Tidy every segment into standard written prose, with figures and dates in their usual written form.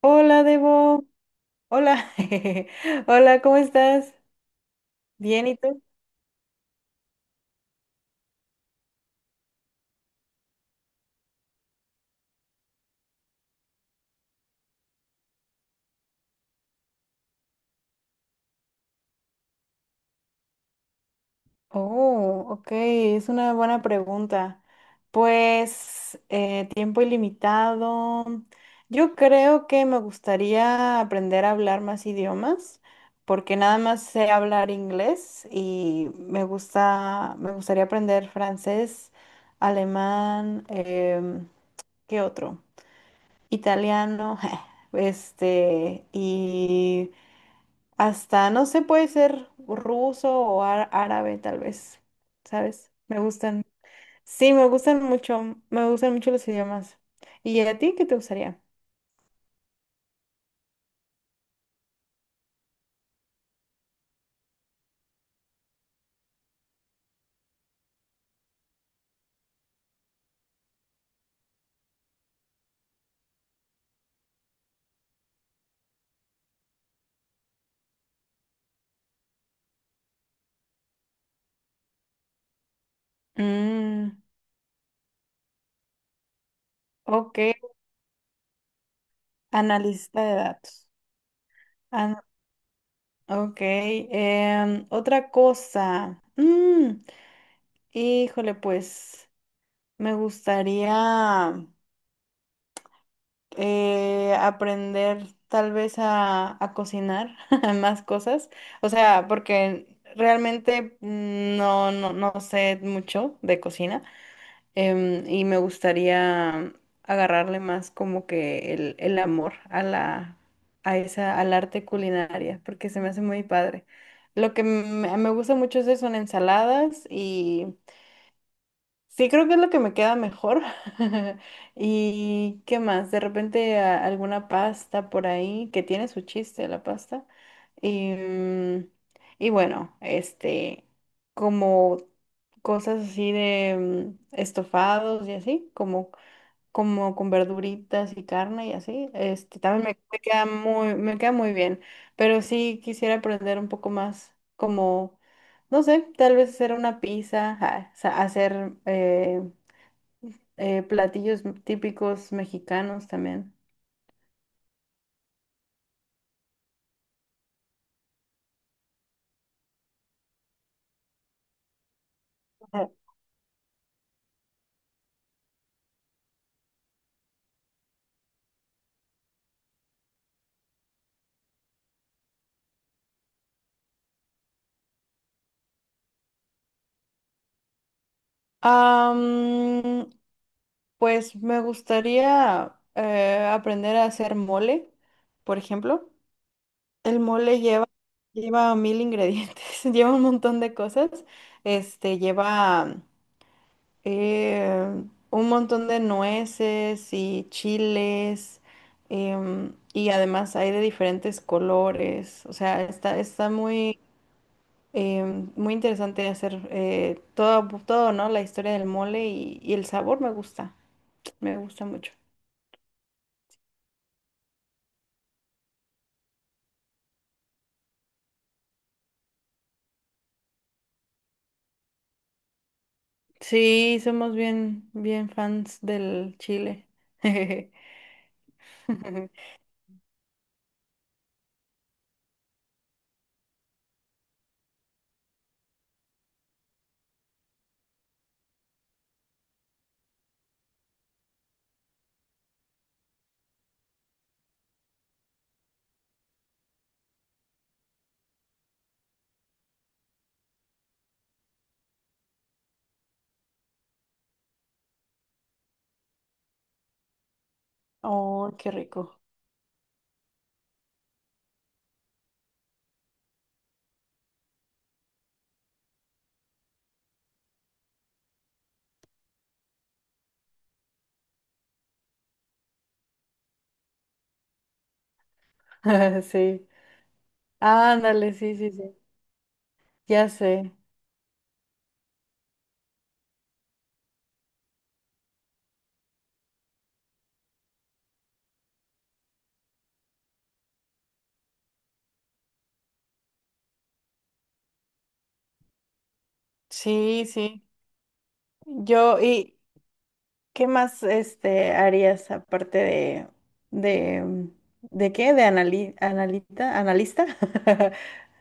Hola, Debo. Hola. Hola, ¿cómo estás? Bien, ¿y tú? Oh, ok, es una buena pregunta. Pues tiempo ilimitado. Yo creo que me gustaría aprender a hablar más idiomas, porque nada más sé hablar inglés y me gusta, me gustaría aprender francés, alemán, ¿qué otro? Italiano, este, y hasta, no sé, puede ser ruso o árabe, tal vez. ¿Sabes? Me gustan. Sí, me gustan mucho. Me gustan mucho los idiomas. ¿Y a ti qué te gustaría? Mm, ok. Analista de datos. An- ok. Otra cosa. Mm, híjole, pues me gustaría. Aprender tal vez a cocinar más cosas. O sea, porque realmente no sé mucho de cocina, y me gustaría agarrarle más como que el amor a la, a esa, al arte culinaria, porque se me hace muy padre. Lo que me gusta mucho es eso, son ensaladas y... Sí, creo que es lo que me queda mejor. ¿Y qué más? De repente alguna pasta por ahí que tiene su chiste la pasta. Y, y bueno, este, como cosas así de estofados y así, como como con verduritas y carne y así, este, también me queda me queda muy bien, pero sí quisiera aprender un poco más, como, no sé, tal vez hacer una pizza, ja, hacer platillos típicos mexicanos también. Ujú. Am, pues me gustaría aprender a hacer mole, por ejemplo. El mole lleva, lleva mil ingredientes, lleva un montón de cosas. Este, lleva eh, un montón de nueces y chiles. Y además hay de diferentes colores. O sea, está muy, muy interesante hacer todo, todo, ¿no? La historia del mole y el sabor me gusta. Me gusta mucho. Sí, somos bien, bien fans del chile. Oh, qué rico. Sí. Ándale, sí, sí, sí. Ya sé. Sí, sí. Yo, ¿y qué más este harías aparte de de qué? De analista,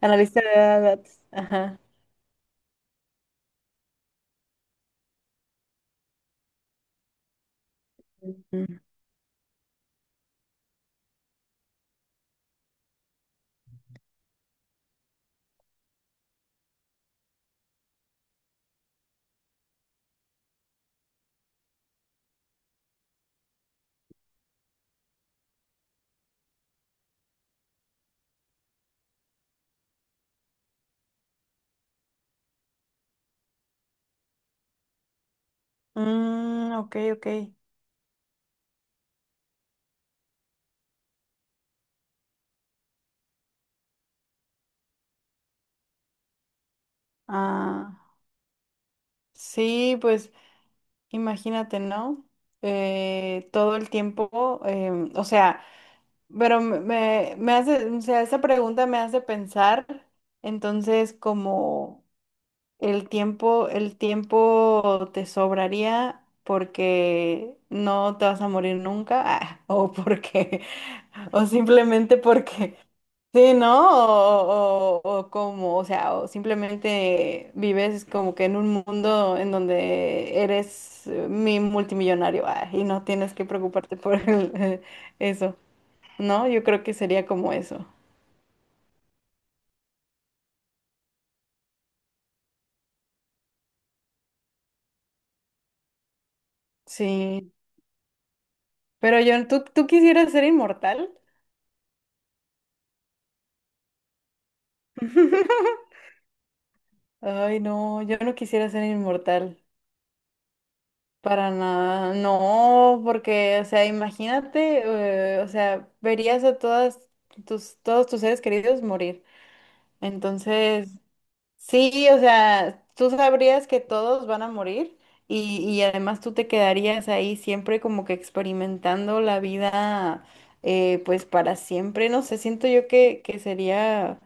analista de datos. Ajá. Ujú. Mm, ok, ok. Ah, sí, pues imagínate, ¿no? Todo el tiempo, o sea. Pero me hace, o sea, esa pregunta me hace pensar, entonces, como el tiempo te sobraría porque no te vas a morir nunca, ah, o porque, o simplemente porque, sí, ¿no? O como, o sea, o simplemente vives como que en un mundo en donde eres mi multimillonario, ah, y no tienes que preocuparte por eso. ¿No? Yo creo que sería como eso. Sí. Pero yo, tú quisieras ser inmortal? Ay, no, yo no quisiera ser inmortal. Para nada. No, porque, o sea, imagínate, o sea, verías a todas tus, todos tus seres queridos morir. Entonces, sí, o sea, tú sabrías que todos van a morir y además tú te quedarías ahí siempre como que experimentando la vida, pues para siempre. No sé, siento yo que sería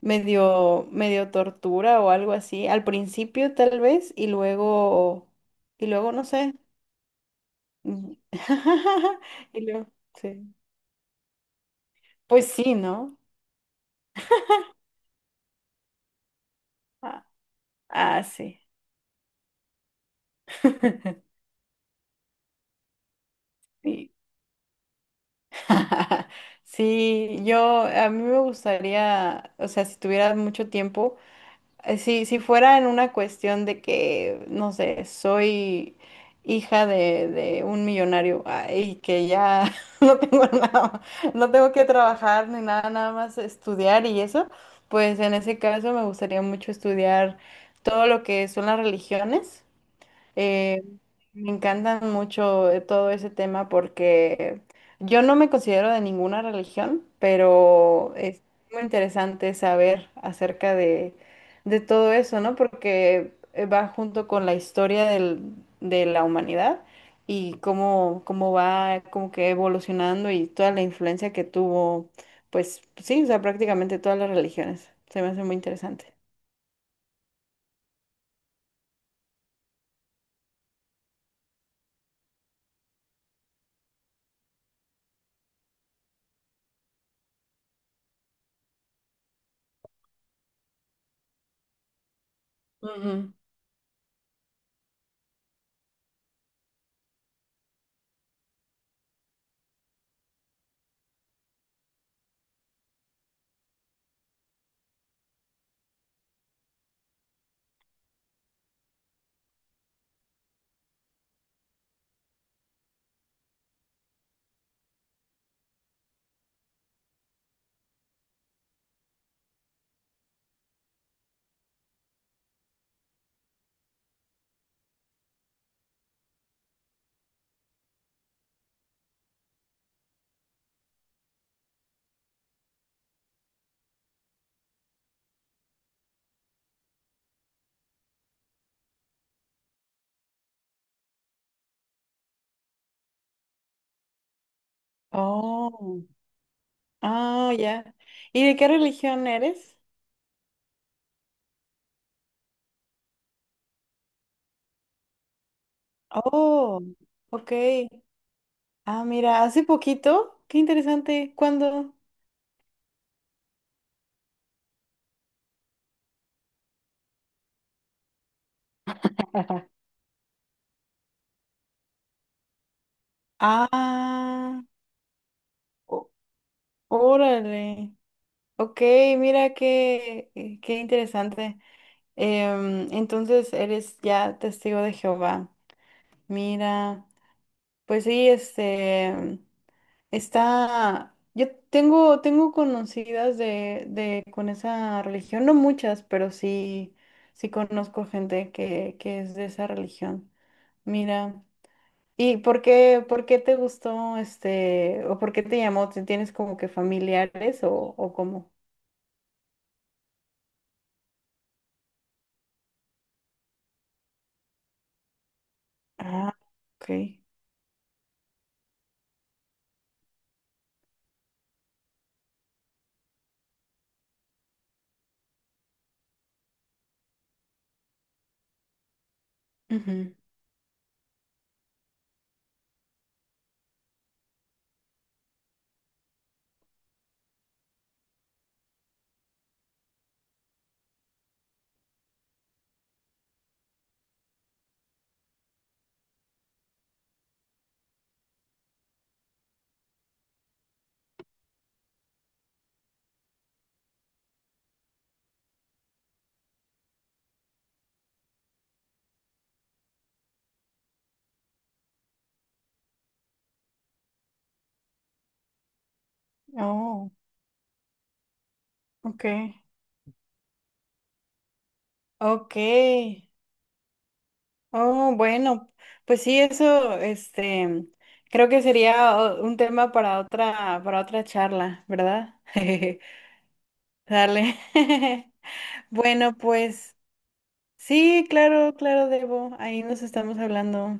medio, medio tortura o algo así. Al principio tal vez y luego no sé. Mm, y luego, sí. Pues sí, ¿no? Ah, ah, sí. Sí. Sí, yo a mí me gustaría, o sea, si tuviera mucho tiempo, si, si fuera en una cuestión de que, no sé, soy hija de un millonario, ah, y que ya no tengo nada, no tengo que trabajar ni nada, nada más estudiar y eso, pues en ese caso me gustaría mucho estudiar todo lo que son las religiones. eh, Me encantan mucho todo ese tema porque yo no me considero de ninguna religión, pero es muy interesante saber acerca de todo eso, ¿no? Porque va junto con la historia de la humanidad y cómo, cómo va como que evolucionando y toda la influencia que tuvo, pues sí, o sea, prácticamente todas las religiones. Se me hace muy interesante. Ujú. Oh. Ah, ya. ¿Y de qué religión eres? Oh, ok. Ah, mira, hace poquito. Qué interesante. ¿Cuándo? Ajá. Ah, ó- órale. Ok, mira qué, qué interesante. Em, entonces eres ya testigo de Jehová. Mira, pues sí, este. Está, yo tengo conocidas de con esa religión, no muchas, pero sí, sí conozco gente que es de esa religión. Mira, ¿y por qué te gustó este, o por qué te llamó? Tienes como que familiares o cómo? Ah, ok. Ujú. Oh, ok. Ok. Oh, bueno, pues sí, eso, este, creo que sería un tema para otra charla, ¿verdad? Dale. Bueno, pues sí, claro, claro, Debo. Ahí nos estamos hablando.